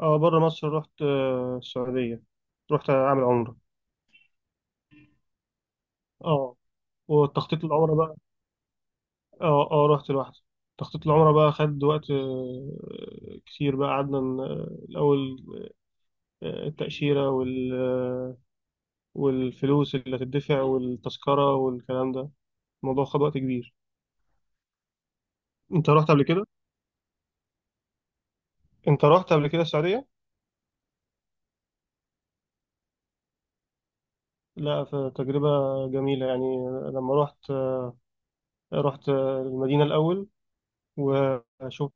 اه، بره مصر رحت، السعودية. رحت أعمل عمرة. اه، والتخطيط العمرة بقى. اه، رحت لوحدي. تخطيط العمرة بقى خد وقت كتير بقى الأول، التأشيرة وال آه، والفلوس اللي هتدفع والتذكرة والكلام ده. الموضوع خد وقت كبير. أنت رحت قبل كده؟ أنت رحت قبل كده السعودية؟ لا، فتجربة جميلة يعني. لما رحت رحت المدينة الأول. وشفت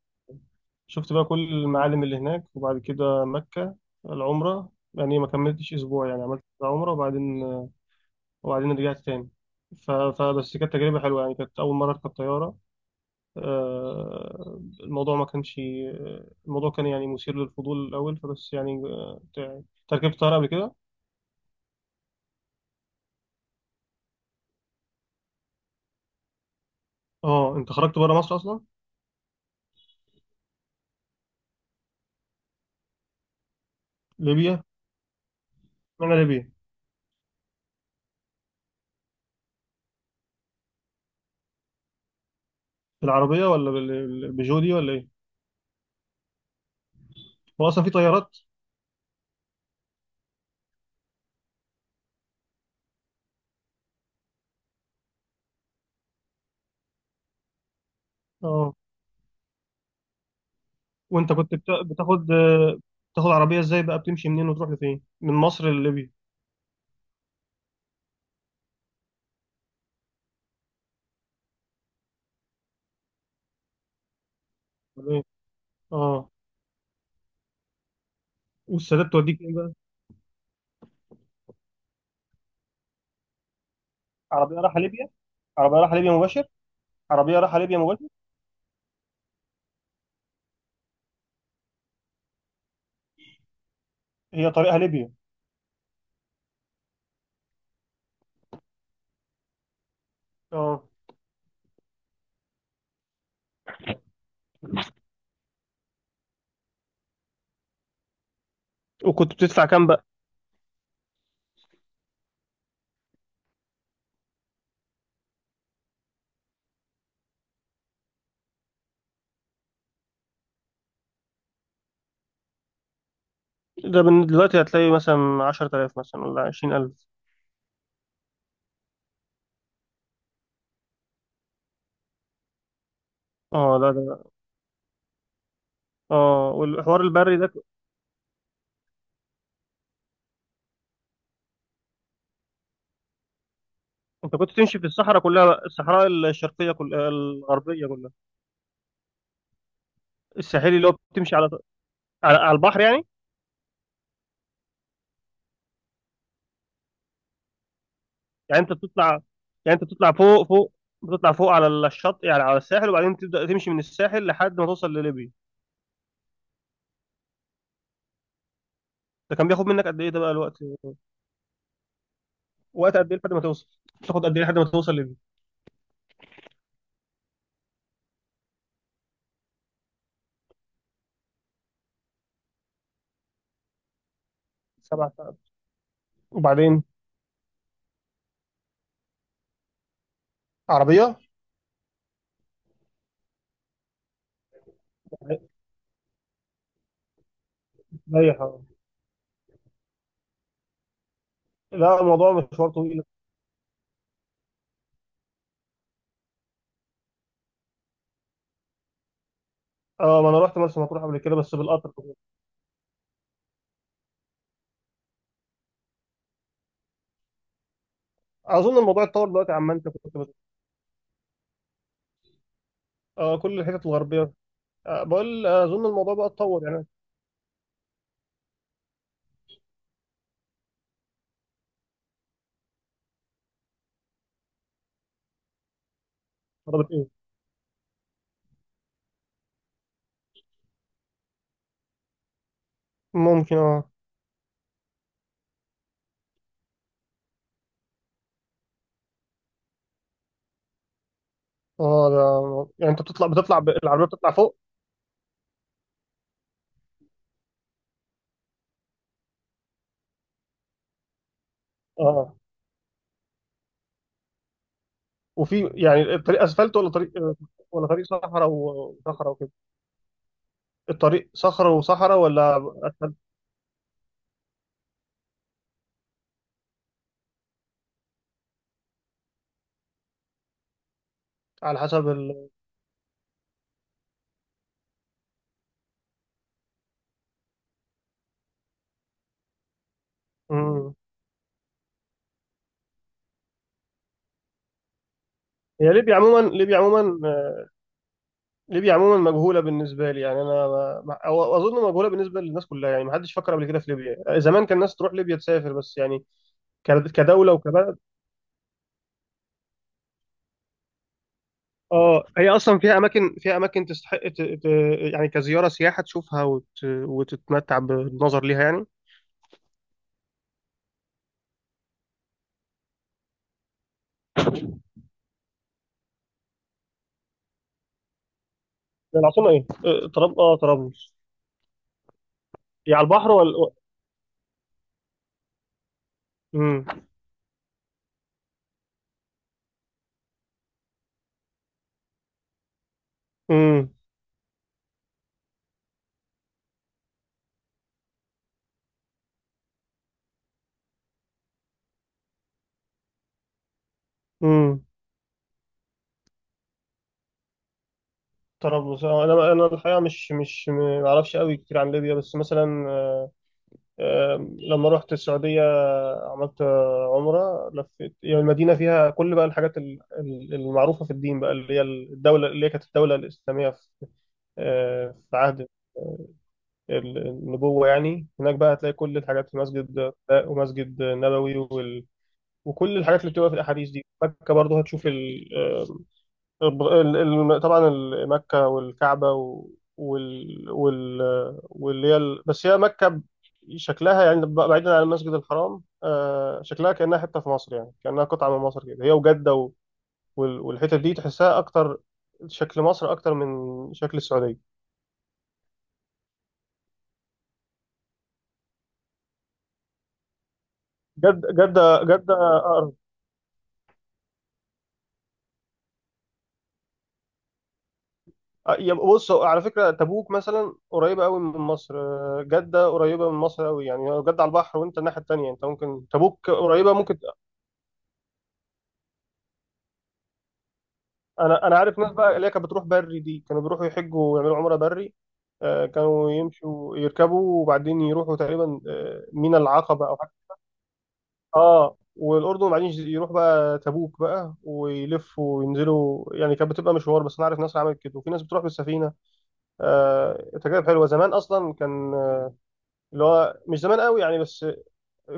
شفت بقى كل المعالم اللي هناك وبعد كده مكة. العمرة يعني ما كملتش أسبوع، يعني عملت عمرة وبعدين رجعت تاني. ف- فبس كانت تجربة حلوة يعني، كانت أول مرة أركب طيارة. الموضوع ما كانش، الموضوع كان يعني مثير للفضول الأول، فبس يعني تركبت طيارة قبل كده؟ أه، أنت خرجت بره مصر أصلا. ليبيا. معنى ليبيا. بالعربية ولا بال- بالبيجو دي ولا إيه؟ هو أصلا في طيارات؟ اه. وانت كنت بتاخد عربية ازاي بقى، بتمشي منين وتروح لفين من مصر لليبيا؟ ولا ايه؟ اه، والسادات توديك ايه بقى؟ عربيه رايحه ليبيا؟ عربيه رايحه ليبيا مباشر؟ عربيه رايحه ليبيا مباشر. هي طريقها ليبيا. اه، وكنت بتدفع كام بقى؟ ده من دلوقتي هتلاقي مثلا 10000 مثلا ولا 20000؟ اه، لا، ده اه، والحوار البري ده انت كنت تمشي في الصحراء كلها بقى، الصحراء الشرقية كلها الغربية كلها؟ الساحلي اللي هو بتمشي على على البحر يعني؟ يعني انت بتطلع يعني انت بتطلع فوق، بتطلع فوق على الشط، يعني على الساحل وبعدين تبدا تمشي من الساحل لحد ما توصل لليبيا. ده كان بياخد منك قد ايه ده بقى الوقت؟ وقت قد ايه لحد ما توصل؟ تاخد قد ايه لحد ما توصل لليبيا؟ 7 ساعات؟ وبعدين عربية، رايح اه. لا، الموضوع مشوار طويل. اه، ما انا رحت مرسى مطروح قبل كده بس بالقطر. اظن الموضوع اتطور دلوقتي عما انت كنت بت... آه، كل الحتت الغربيه. آه، بقول اظن الموضوع بقى اتطور يعني. قربت ايه؟ ممكن اه. اه ده يعني انت بتطلع العربيه بتطلع فوق. اه، وفي يعني الطريق اسفلت ولا طريق، ولا طريق صحراء وصحراء وكده؟ الطريق صخر وصحراء ولا اسفلت؟ على حسب ال... مم. هي ليبيا عموما، ليبيا عموما، ليبيا عموما مجهوله بالنسبه لي يعني انا ما... أو- اظن مجهوله بالنسبه للناس كلها يعني، ما حدش فكر قبل كده في ليبيا. زمان كان الناس تروح ليبيا تسافر بس يعني كدوله وكبلد. اه، هي اصلا فيها اماكن تستحق يعني كزياره سياحه تشوفها وتتمتع بالنظر ليها يعني. العاصمه ايه، طرابلس؟ هي على البحر ولا؟ امم. امم. امم، طرابلس. انا الحقيقه مش ما اعرفش قوي كتير عن ليبيا، بس مثلا لما رحت السعوديه، عملت عمره، لفيت يعني المدينه فيها كل بقى الحاجات المعروفه في الدين بقى، اللي هي الدوله اللي هي كانت الدوله الاسلاميه في في عهد آه، النبوة. يعني هناك بقى هتلاقي كل الحاجات، في مسجد قباء ومسجد نبوي وكل الحاجات اللي بتبقى في الأحاديث دي. مكة برضه هتشوف الب- ال- مكة والكعبة و- وال وال واللي هي ال- بس هي مكة شكلها يعني بعيدا عن المسجد الحرام، شكلها كأنها حتة في مصر، يعني كأنها قطعة من مصر كده، هي وجدة و والحتة دي تحسها أكتر شكل مصر أكتر من شكل السعودية. جدة أقرب. يا بص، هو على فكرة تبوك مثلا قريبة قوي من مصر، جدة قريبة من مصر قوي، يعني لو جدة على البحر وأنت الناحية التانية، أنت ممكن تبوك قريبة ممكن. انا عارف ناس بقى اللي هي كانت بتروح بري دي، كانوا بيروحوا يحجوا ويعملوا عمره بري. كانوا يمشوا يركبوا وبعدين يروحوا تقريبا مينا العقبه او حاجه. اه، والاردن، وبعدين يروح بقى تبوك بقى ويلفوا وينزلوا، يعني كانت بتبقى مشوار. بس انا عارف ناس عملت كده، وفي ناس بتروح بالسفينه. آه، تجارب حلوه. زمان اصلا كان اللي هو مش زمان قوي يعني، بس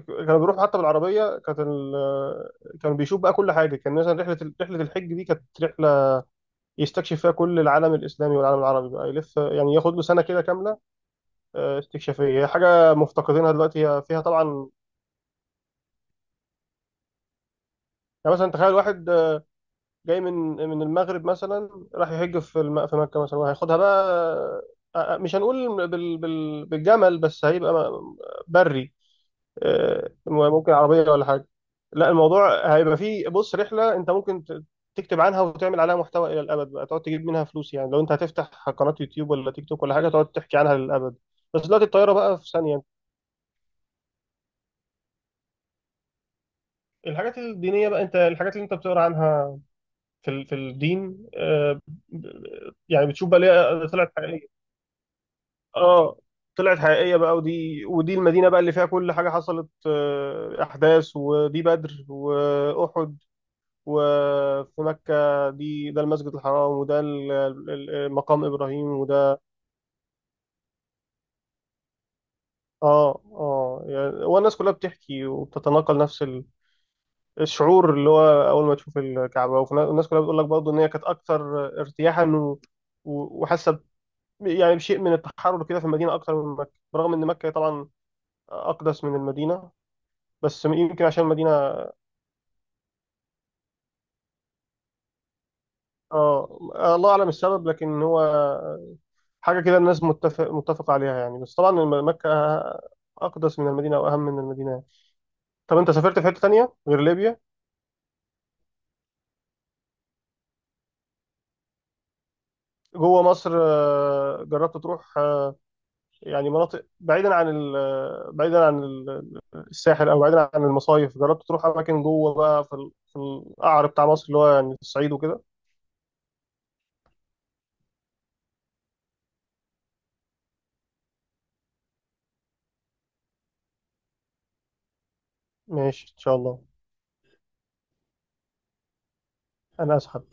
كانوا بيروحوا حتى بالعربيه. كانت كانوا بيشوف بقى كل حاجه. كان مثلا رحله رحله الحج دي كانت رحله يستكشف فيها كل العالم الإسلامي والعالم العربي بقى، يلف يعني ياخد له سنة كده كاملة، استكشافية. هي حاجة مفتقدينها دلوقتي، هي فيها طبعا. يعني مثلا تخيل واحد جاي من المغرب مثلا، راح يحج في في مكة مثلا، وهياخدها بقى مش هنقول بالجمل، بس هيبقى بري، ممكن عربية ولا حاجة. لا، الموضوع هيبقى فيه بص، رحلة انت ممكن تكتب عنها وتعمل عليها محتوى إلى الأبد، بقى تقعد تجيب منها فلوس، يعني لو انت هتفتح قناة يوتيوب ولا تيك توك ولا حاجة، تقعد تحكي عنها للأبد. بس دلوقتي الطيارة بقى في ثانية. الحاجات الدينية بقى، انت الحاجات اللي انت بتقرا عنها في في الدين، يعني بتشوف بقى ليه طلعت حقيقية. اه، طلعت حقيقية بقى. ودي المدينة بقى اللي فيها كل حاجة حصلت، أحداث، ودي بدر وأحد. وفي مكة، ده المسجد الحرام، وده مقام إبراهيم، وده آه. آه، يعني والناس كلها بتحكي وبتتناقل نفس الشعور، اللي هو أول ما تشوف الكعبة، والناس كلها بتقول لك برضه إن هي كانت أكثر ارتياحا و وحاسة يعني بشيء من التحرر كده في المدينة أكثر من مكة، برغم إن مكة طبعا أقدس من المدينة. بس يمكن عشان المدينة آه، الله أعلم السبب. لكن هو حاجة كده الناس متفق عليها يعني. بس طبعا مكة أقدس من المدينة أو أهم من المدينة يعني. طب أنت سافرت في حتة تانية غير ليبيا؟ جوه مصر جربت تروح يعني مناطق بعيدا عن بعيدا عن الساحل، أو بعيدا عن المصايف؟ جربت تروح أماكن جوه بقى في في القعر بتاع مصر، اللي هو يعني الصعيد وكده؟ ماشي إن شاء الله. أنا أسحب.